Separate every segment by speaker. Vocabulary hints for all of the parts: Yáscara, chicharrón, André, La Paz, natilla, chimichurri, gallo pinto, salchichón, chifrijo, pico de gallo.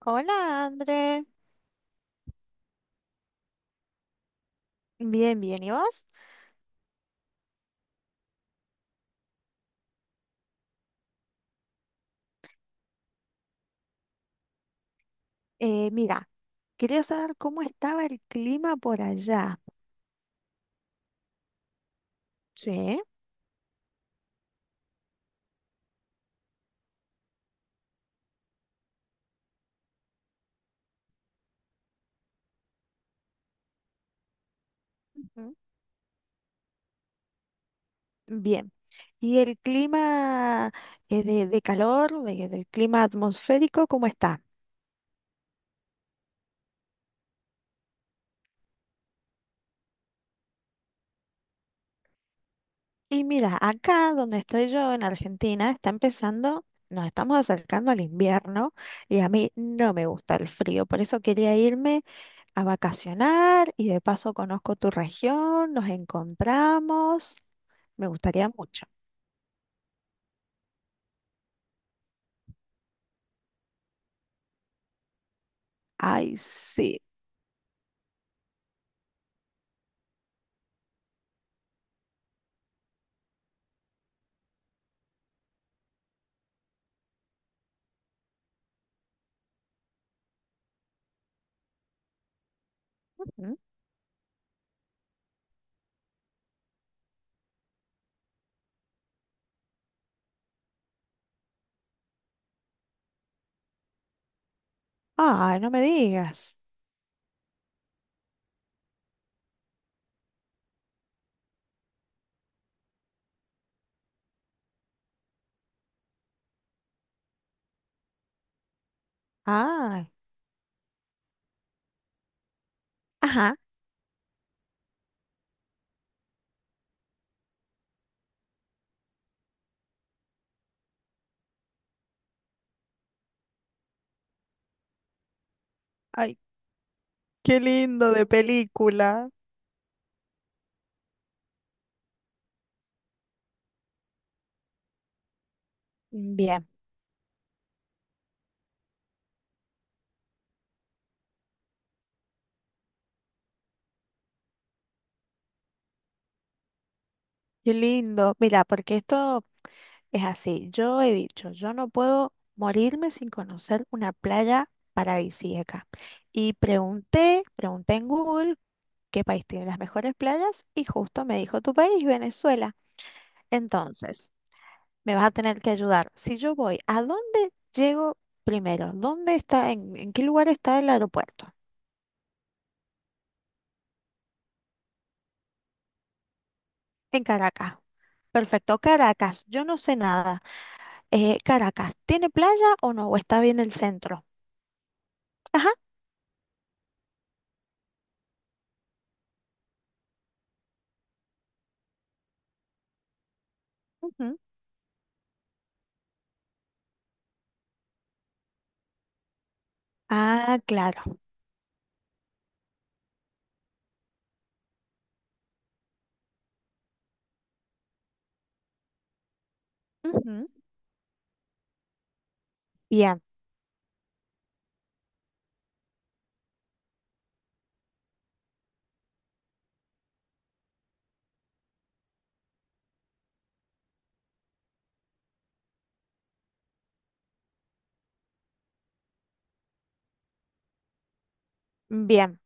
Speaker 1: Hola, André. Bien, bien. ¿Y vos? Eh, mira, quería saber cómo estaba el clima por allá. Sí. Ujú. Bien. ¿Y el clima de calor, del clima atmosférico, cómo está? Y mira, acá donde estoy yo, en Argentina, está empezando, nos estamos acercando al invierno y a mí no me gusta el frío, por eso quería irme a vacacionar y de paso conozco tu región, nos encontramos, me gustaría mucho. Ay, sí. Ujú. Ay, no me digas. Ay, ajá. Ay, qué lindo, de película. Bien, qué lindo. Mira, porque esto es así. Yo he dicho, yo no puedo morirme sin conocer una playa paradisíaca. Y pregunté en Google qué país tiene las mejores playas y justo me dijo tu país, Venezuela. Entonces, me vas a tener que ayudar. Si yo voy, ¿a dónde llego primero? ¿Dónde está, en qué lugar está el aeropuerto? En Caracas. Perfecto, Caracas, yo no sé nada. Caracas, ¿tiene playa o no? ¿O está bien el centro? Ajá. Ujú. Ah, claro. Ujú. Bien, bien,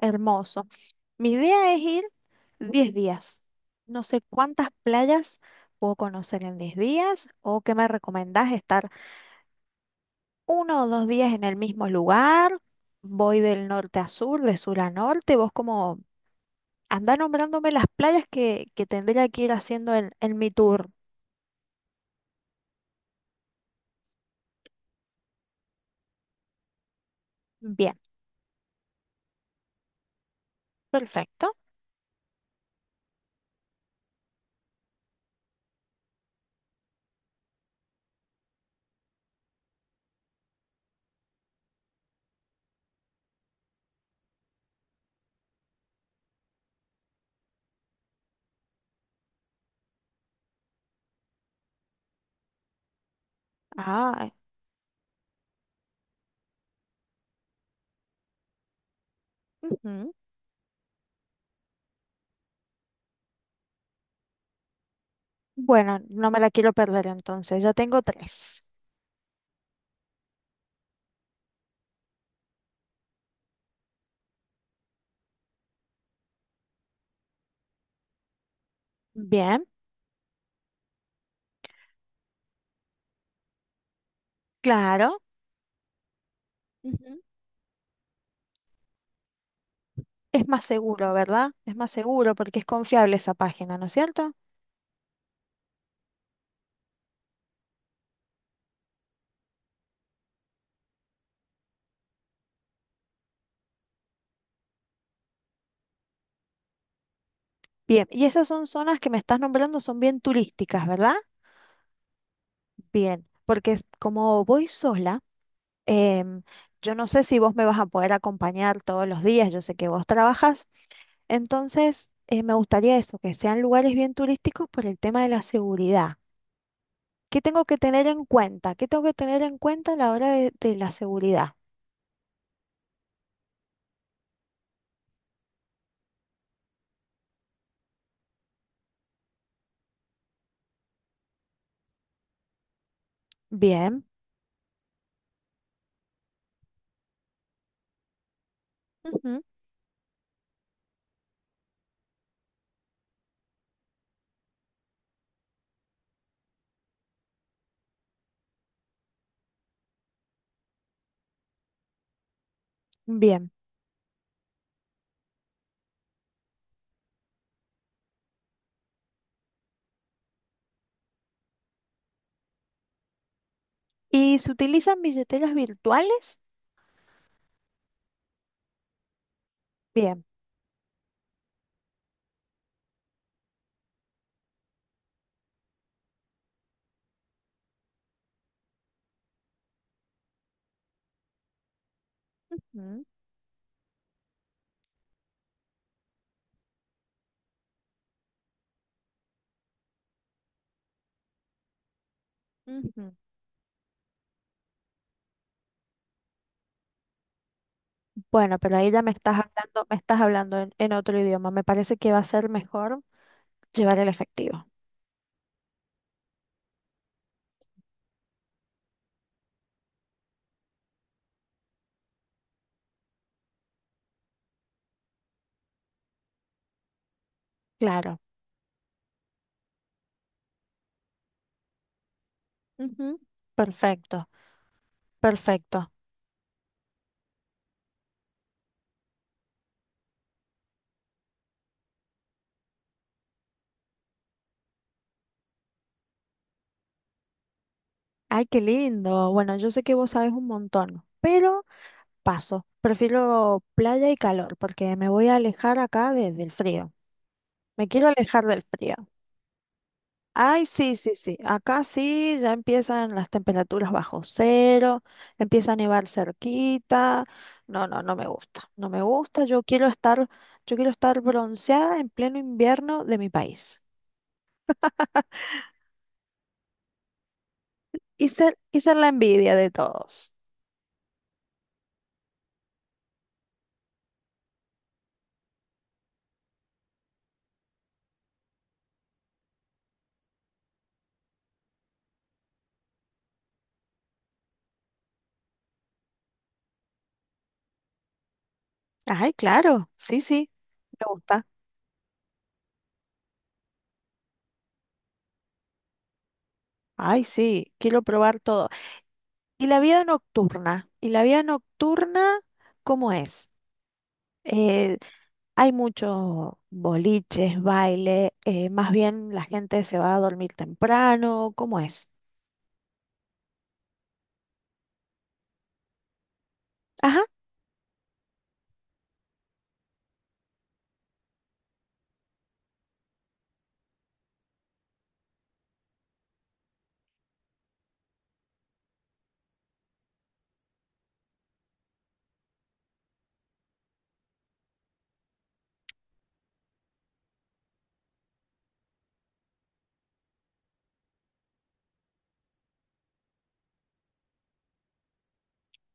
Speaker 1: hermoso. Mi idea es ir 10 días. No sé cuántas playas puedo conocer en 10 días o qué me recomendás estar uno o dos días en el mismo lugar, voy del norte a sur, de sur a norte, vos como andá nombrándome las playas que tendría que ir haciendo en mi tour. Bien, perfecto. Ah, ujú. Bueno, no me la quiero perder entonces, ya tengo tres. Bien, claro. Ujú. Es más seguro, ¿verdad? Es más seguro porque es confiable esa página, ¿no es cierto? Bien, ¿y esas son zonas que me estás nombrando, son bien turísticas, ¿verdad? Bien, porque como voy sola, em, yo no sé si vos me vas a poder acompañar todos los días, yo sé que vos trabajas, entonces me gustaría eso, que sean lugares bien turísticos por el tema de la seguridad. ¿Qué tengo que tener en cuenta? ¿Qué tengo que tener en cuenta a la hora de la seguridad? Bien, ujú, bien. ¿Y se utilizan billeteras virtuales? Bien. Ujú, ujú. Bueno, pero ahí ya me estás hablando en otro idioma. Me parece que va a ser mejor llevar el efectivo. Claro. Ujú. Perfecto, perfecto. Ay, qué lindo. Bueno, yo sé que vos sabes un montón, pero paso. Prefiero playa y calor porque me voy a alejar acá del frío. Me quiero alejar del frío. Ay, sí, sí, sí. Acá sí, ya empiezan las temperaturas bajo cero, empieza a nevar cerquita. No, no, no me gusta. No me gusta. Yo quiero estar bronceada en pleno invierno de mi país. Y ser la envidia de todos. Ay, claro, sí, sí, me gusta. Ay, sí, quiero probar todo. ¿Y la vida nocturna? ¿Y la vida nocturna cómo es? Eh, Hay muchos boliches, baile, más bien la gente se va a dormir temprano, ¿cómo es? Ajá,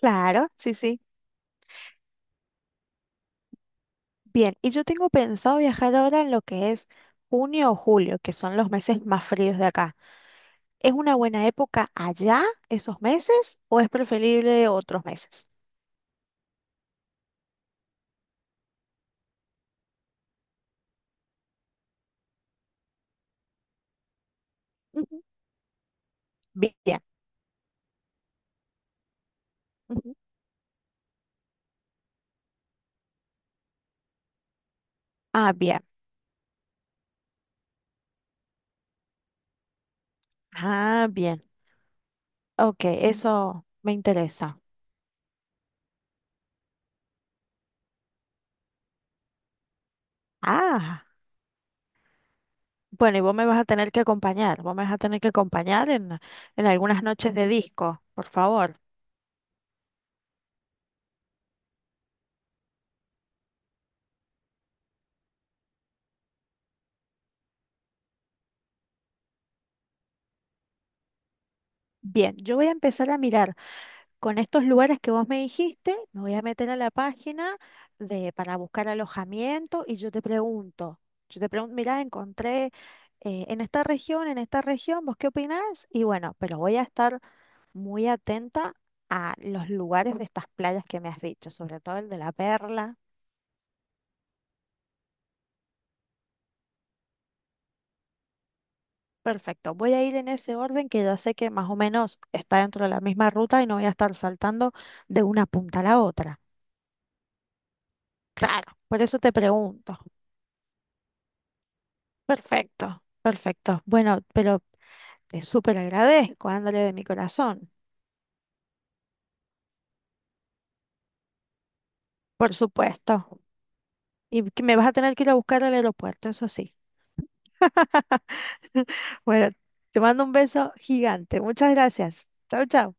Speaker 1: claro, sí, sí. Bien, y yo tengo pensado viajar ahora en lo que es junio o julio, que son los meses más fríos de acá. ¿Es una buena época allá, esos meses, o es preferible otros meses? Ujú, bien. Ujú. Ah, bien. Ah, bien. Ok, eso me interesa. Ah. Bueno, y vos me vas a tener que acompañar, vos me vas a tener que acompañar en algunas noches de disco, por favor. Bien, yo voy a empezar a mirar con estos lugares que vos me dijiste, me voy a meter a la página de, para buscar alojamiento y yo te pregunto, mirá, encontré en esta región, ¿vos qué opinás? Y bueno, pero voy a estar muy atenta a los lugares de estas playas que me has dicho, sobre todo el de La Perla. Perfecto, voy a ir en ese orden que ya sé que más o menos está dentro de la misma ruta y no voy a estar saltando de una punta a la otra. Claro, por eso te pregunto. Perfecto, perfecto. Bueno, pero te súper agradezco, André, de mi corazón. Por supuesto. Y que me vas a tener que ir a buscar al aeropuerto, eso sí. Bueno, te mando un beso gigante. Muchas gracias. Chao, chao.